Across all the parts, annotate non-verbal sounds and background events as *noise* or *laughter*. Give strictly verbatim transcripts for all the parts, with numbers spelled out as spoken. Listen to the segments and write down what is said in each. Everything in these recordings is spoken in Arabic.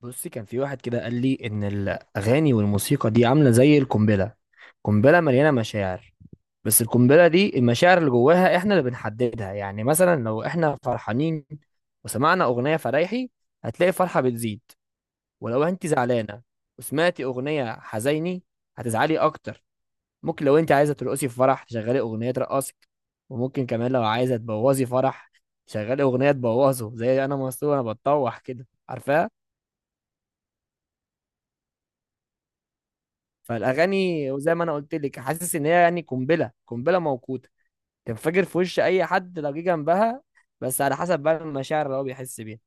بصي، كان في واحد كده قال لي ان الاغاني والموسيقى دي عامله زي القنبله. قنبله مليانه مشاعر، بس القنبله دي المشاعر اللي جواها احنا اللي بنحددها. يعني مثلا لو احنا فرحانين وسمعنا اغنيه فرايحي، هتلاقي الفرحه بتزيد. ولو انت زعلانه وسمعتي اغنيه حزيني، هتزعلي اكتر. ممكن لو انت عايزه ترقصي في فرح تشغلي اغنيه ترقصك، وممكن كمان لو عايزه تبوظي فرح تشغلي اغنيه تبوظه، زي انا مسطول انا بتطوح كده، عارفاها. فالاغاني وزي ما انا قلت لك، حاسس ان هي يعني قنبله قنبله موقوته تنفجر في وش اي حد لو جه جنبها، بس على حسب بقى المشاعر اللي هو بيحس بيها.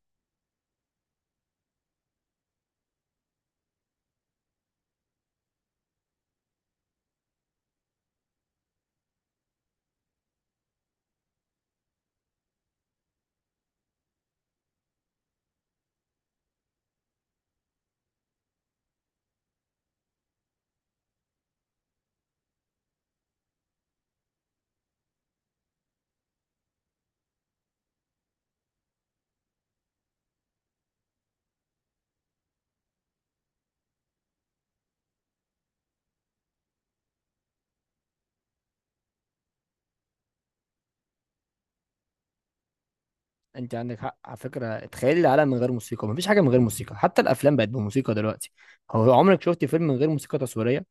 انت عندك حق على فكره، تخيلي العالم من غير موسيقى، مفيش حاجه من غير موسيقى، حتى الافلام بقت بموسيقى دلوقتي. هو عمرك شفتي فيلم من غير موسيقى تصويريه؟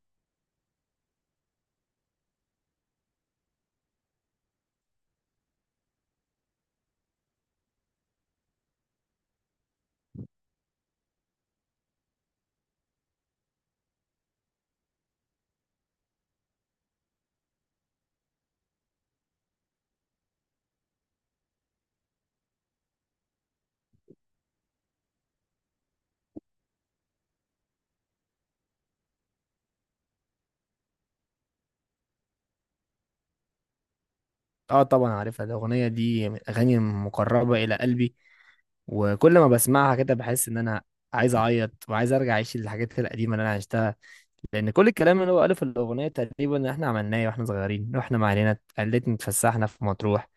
اه طبعا عارفها، الاغنيه دي من الاغاني المقربه الى قلبي، وكل ما بسمعها كده بحس ان انا عايز اعيط وعايز ارجع اعيش الحاجات القديمه اللي انا عشتها. لان كل الكلام اللي هو قاله في الاغنيه تقريبا احنا عملناه واحنا صغيرين. رحنا مع عيلتنا، قلتنا اتفسحنا في مطروح،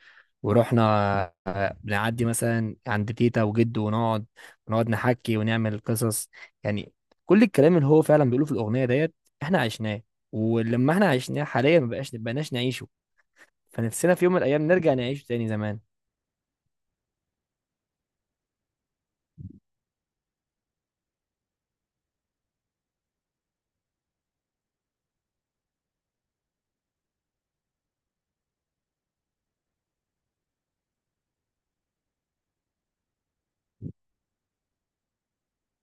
ورحنا بنعدي مثلا عند تيتا وجد ونقعد، ونقعد نحكي ونعمل قصص يعني. كل الكلام اللي هو فعلا بيقوله في الاغنيه ديت احنا عشناه، ولما احنا عشناه حاليا ما بقاش بقناش نعيشه، فنفسنا في يوم من الايام نرجع نعيشه تاني زمان.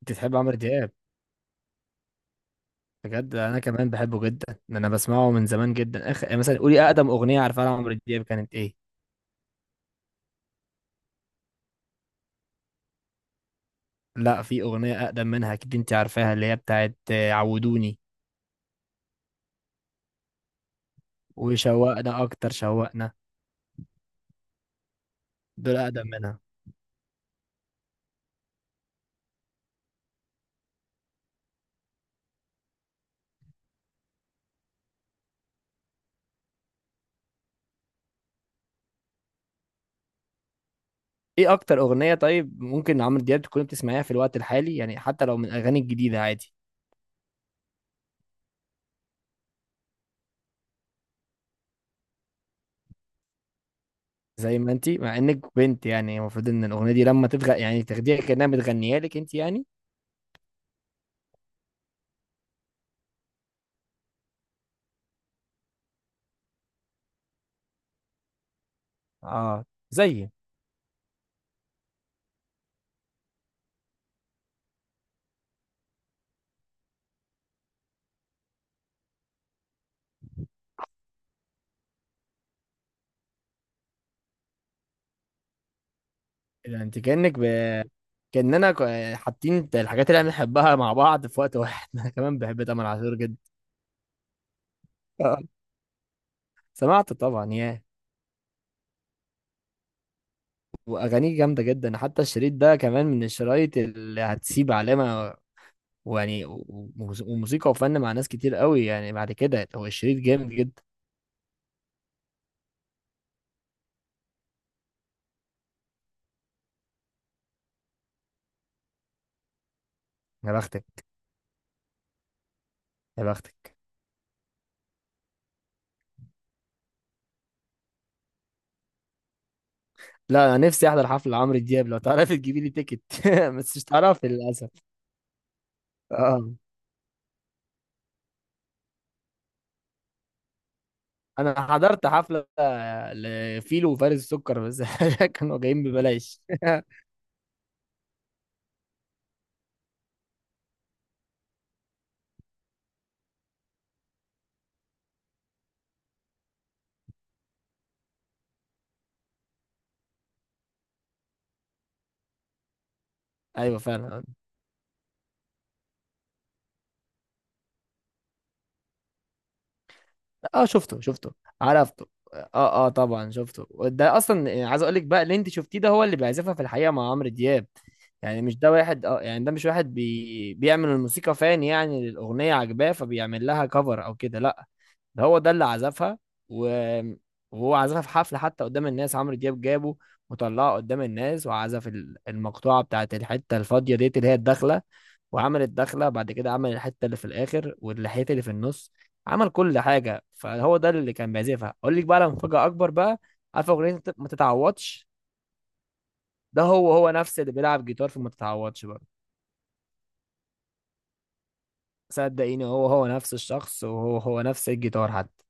انت تحب عمرو دياب؟ بجد انا كمان بحبه جدا، انا بسمعه من زمان جدا. اخ، يعني مثلا قولي اقدم اغنيه عارفها لعمرو دياب كانت ايه؟ لا، في أغنية أقدم منها أكيد، أنت عارفاها اللي هي بتاعت آه، عودوني وشوقنا أكتر شوقنا. دول أقدم منها. إيه أكتر أغنية طيب ممكن عمرو دياب تكون بتسمعيها في الوقت الحالي؟ يعني حتى لو من الأغاني الجديدة عادي. زي ما أنت، مع إنك بنت يعني، المفروض إن الأغنية دي لما تتغ يعني تاخديها كأنها متغنية لك أنت يعني. اه زي، يعني أنت كأنك ب... كأننا ك- حاطين الحاجات اللي إحنا بنحبها مع بعض في وقت واحد *laughs* أنا كمان بحب تامر عاشور جدا. آه. سمعت طبعا، ياه، واغانيه جامده جدا، حتى الشريط ده كمان من الشرايط اللي هتسيب علامه. ويعني و- و- وموسيقى وفن مع ناس كتير قوي يعني، بعد كده هو الشريط جامد جدا. يا بختك، يا بختك. لا انا نفسي احضر حفله عمرو دياب لو تعرفي تجيبي لي تيكت *laughs* بس مش هتعرفي للاسف. اه، انا حضرت حفله لفيلو وفارس السكر بس *laughs* كانوا جايين ببلاش. *laughs* ايوه فعلا. اه شفته، شفته عرفته. اه، اه طبعا شفته. ده اصلا يعني عايز اقول لك بقى، اللي انت شفتيه ده هو اللي بيعزفها في الحقيقه مع عمرو دياب. يعني مش ده واحد، اه يعني ده مش واحد بي... بيعمل الموسيقى فان يعني للاغنيه عجباه فبيعمل لها كفر او كده، لا. ده هو ده اللي عزفها و... وهو عزفها في حفلة حتى قدام الناس. عمرو دياب جابه وطلعه قدام الناس، وعزف ال- المقطوعة بتاعت الحتة الفاضية ديت اللي هي الدخلة، وعمل الدخلة، بعد كده عمل الحتة اللي في الآخر واللحية اللي في النص. عمل كل حاجة. فهو ده اللي كان بيعزفها. أقول لك بقى على مفاجأة أكبر بقى. عارف أغنية ما تتعوضش؟ ده هو، هو نفس اللي بيلعب جيتار في ما تتعوضش برضه. صدقيني، هو هو نفس الشخص، وهو هو نفس الجيتار حتى.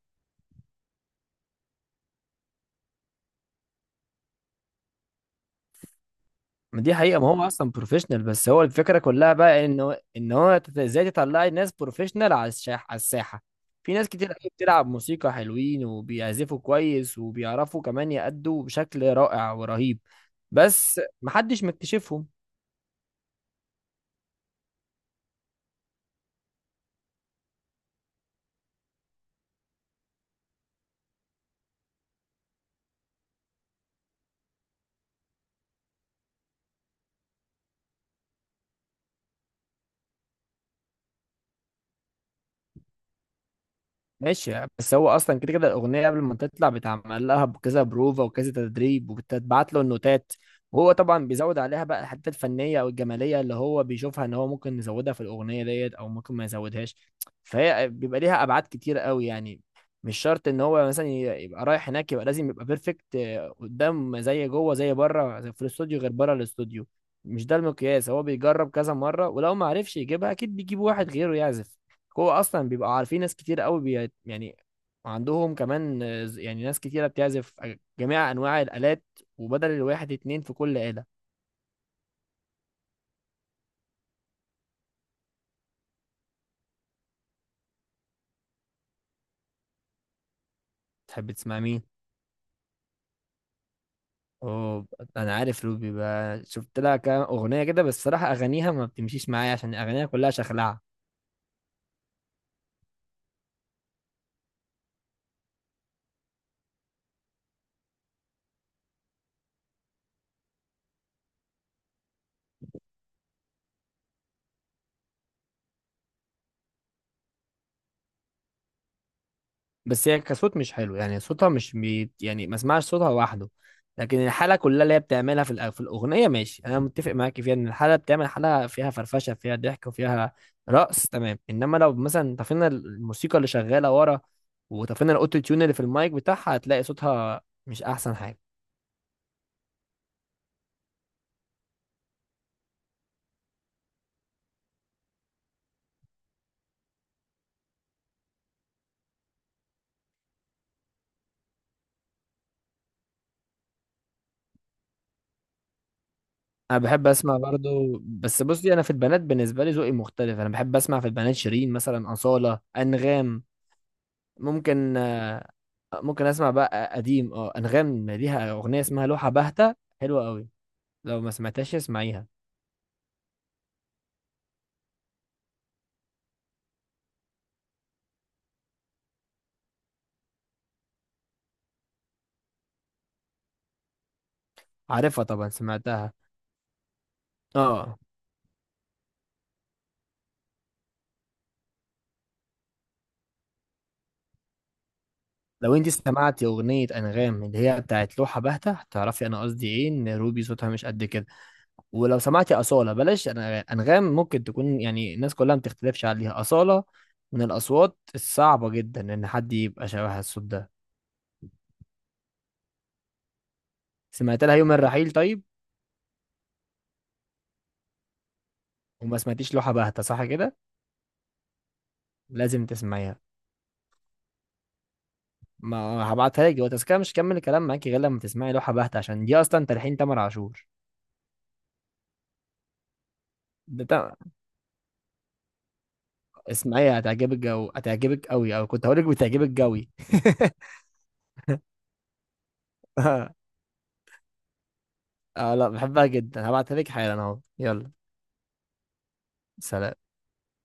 ما دي حقيقة، ما هو أصلا بروفيشنال، بس هو الفكرة كلها بقى إنه، إن هو تت- إزاي تطلعي ناس بروفيشنال على الشاح على الساحة. في ناس كتير قوي بتلعب موسيقى حلوين وبيعزفوا كويس وبيعرفوا كمان يأدوا بشكل رائع ورهيب، بس محدش مكتشفهم. ماشي، بس هو اصلا كده كده الاغنيه قبل ما تطلع بتعمل لها بكذا بروفا وكذا تدريب، وبتتبعت له النوتات، وهو طبعا بيزود عليها بقى الحته الفنيه او الجماليه اللي هو بيشوفها ان هو ممكن يزودها في الاغنيه ديت او ممكن ما يزودهاش. فهي بيبقى ليها ابعاد كتير قوي يعني. مش شرط ان هو مثلا ي- يبقى رايح هناك يبقى لازم يبقى بيرفكت قدام، زي جوه زي بره، زي في الاستوديو غير بره الاستوديو. مش ده المقياس، هو بيجرب كذا مره، ولو ما عرفش يجيبها اكيد بيجيب واحد غيره يعزف. هو اصلا بيبقى عارفين ناس كتير قوي بي يعني، عندهم كمان آه، ز- يعني ناس كتيرة بتعزف جميع انواع الالات، وبدل الواحد اتنين في كل آلة. تحب تسمع مين؟ اوه، انا عارف روبي بقى، شفت لها كام اغنية كده، بس الصراحة اغانيها ما بتمشيش معايا عشان اغانيها كلها شخلعة. بس هي كصوت مش حلو، يعني صوتها مش بي... يعني ما اسمعش صوتها لوحده، لكن الحاله كلها اللي هي بتعملها في الأ- في الاغنيه ماشي، انا متفق معاك فيها ان الحاله بتعمل حاله فيها فرفشه فيها ضحك وفيها رقص، تمام. انما لو مثلا طفينا الموسيقى اللي شغاله ورا، وطفينا الاوتو تيون اللي في المايك بتاعها، هتلاقي صوتها مش احسن حاجه. انا بحب اسمع برضو، بس بصي، انا في البنات بالنسبه لي ذوقي مختلف. انا بحب اسمع في البنات شيرين مثلا، اصاله، انغام. ممكن آه، ممكن اسمع بقى قديم. اه، انغام ليها اغنيه اسمها لوحه باهته، حلوه قوي، لو ما سمعتهاش اسمعيها. عارفها طبعا، سمعتها. اه، لو انت سمعتي اغنيه انغام اللي هي بتاعت لوحه باهته هتعرفي انا قصدي ايه، ان روبي صوتها مش قد كده. ولو سمعتي اصاله بلاش أنا- انغام ممكن تكون يعني الناس كلها ما بتختلفش عليها، اصاله من الاصوات الصعبه جدا ان حد يبقى شبهها الصوت ده. سمعت لها يوم الرحيل طيب؟ وما سمعتيش لوحه باهته صح كده؟ لازم تسمعيها. ما هبعتها لك دلوقتي، بس كده مش هكمل الكلام معاكي غير لما تسمعي لوحة بهتة، عشان دي اصلا تلحين تامر عاشور. ده تا- اسمعيها هتعجبك، جو هتعجبك قوي، او كنت هقولك بتعجبك قوي *laughs* اه، لا بحبها جدا، هبعتها لك حالا اهو، يلا، سلام.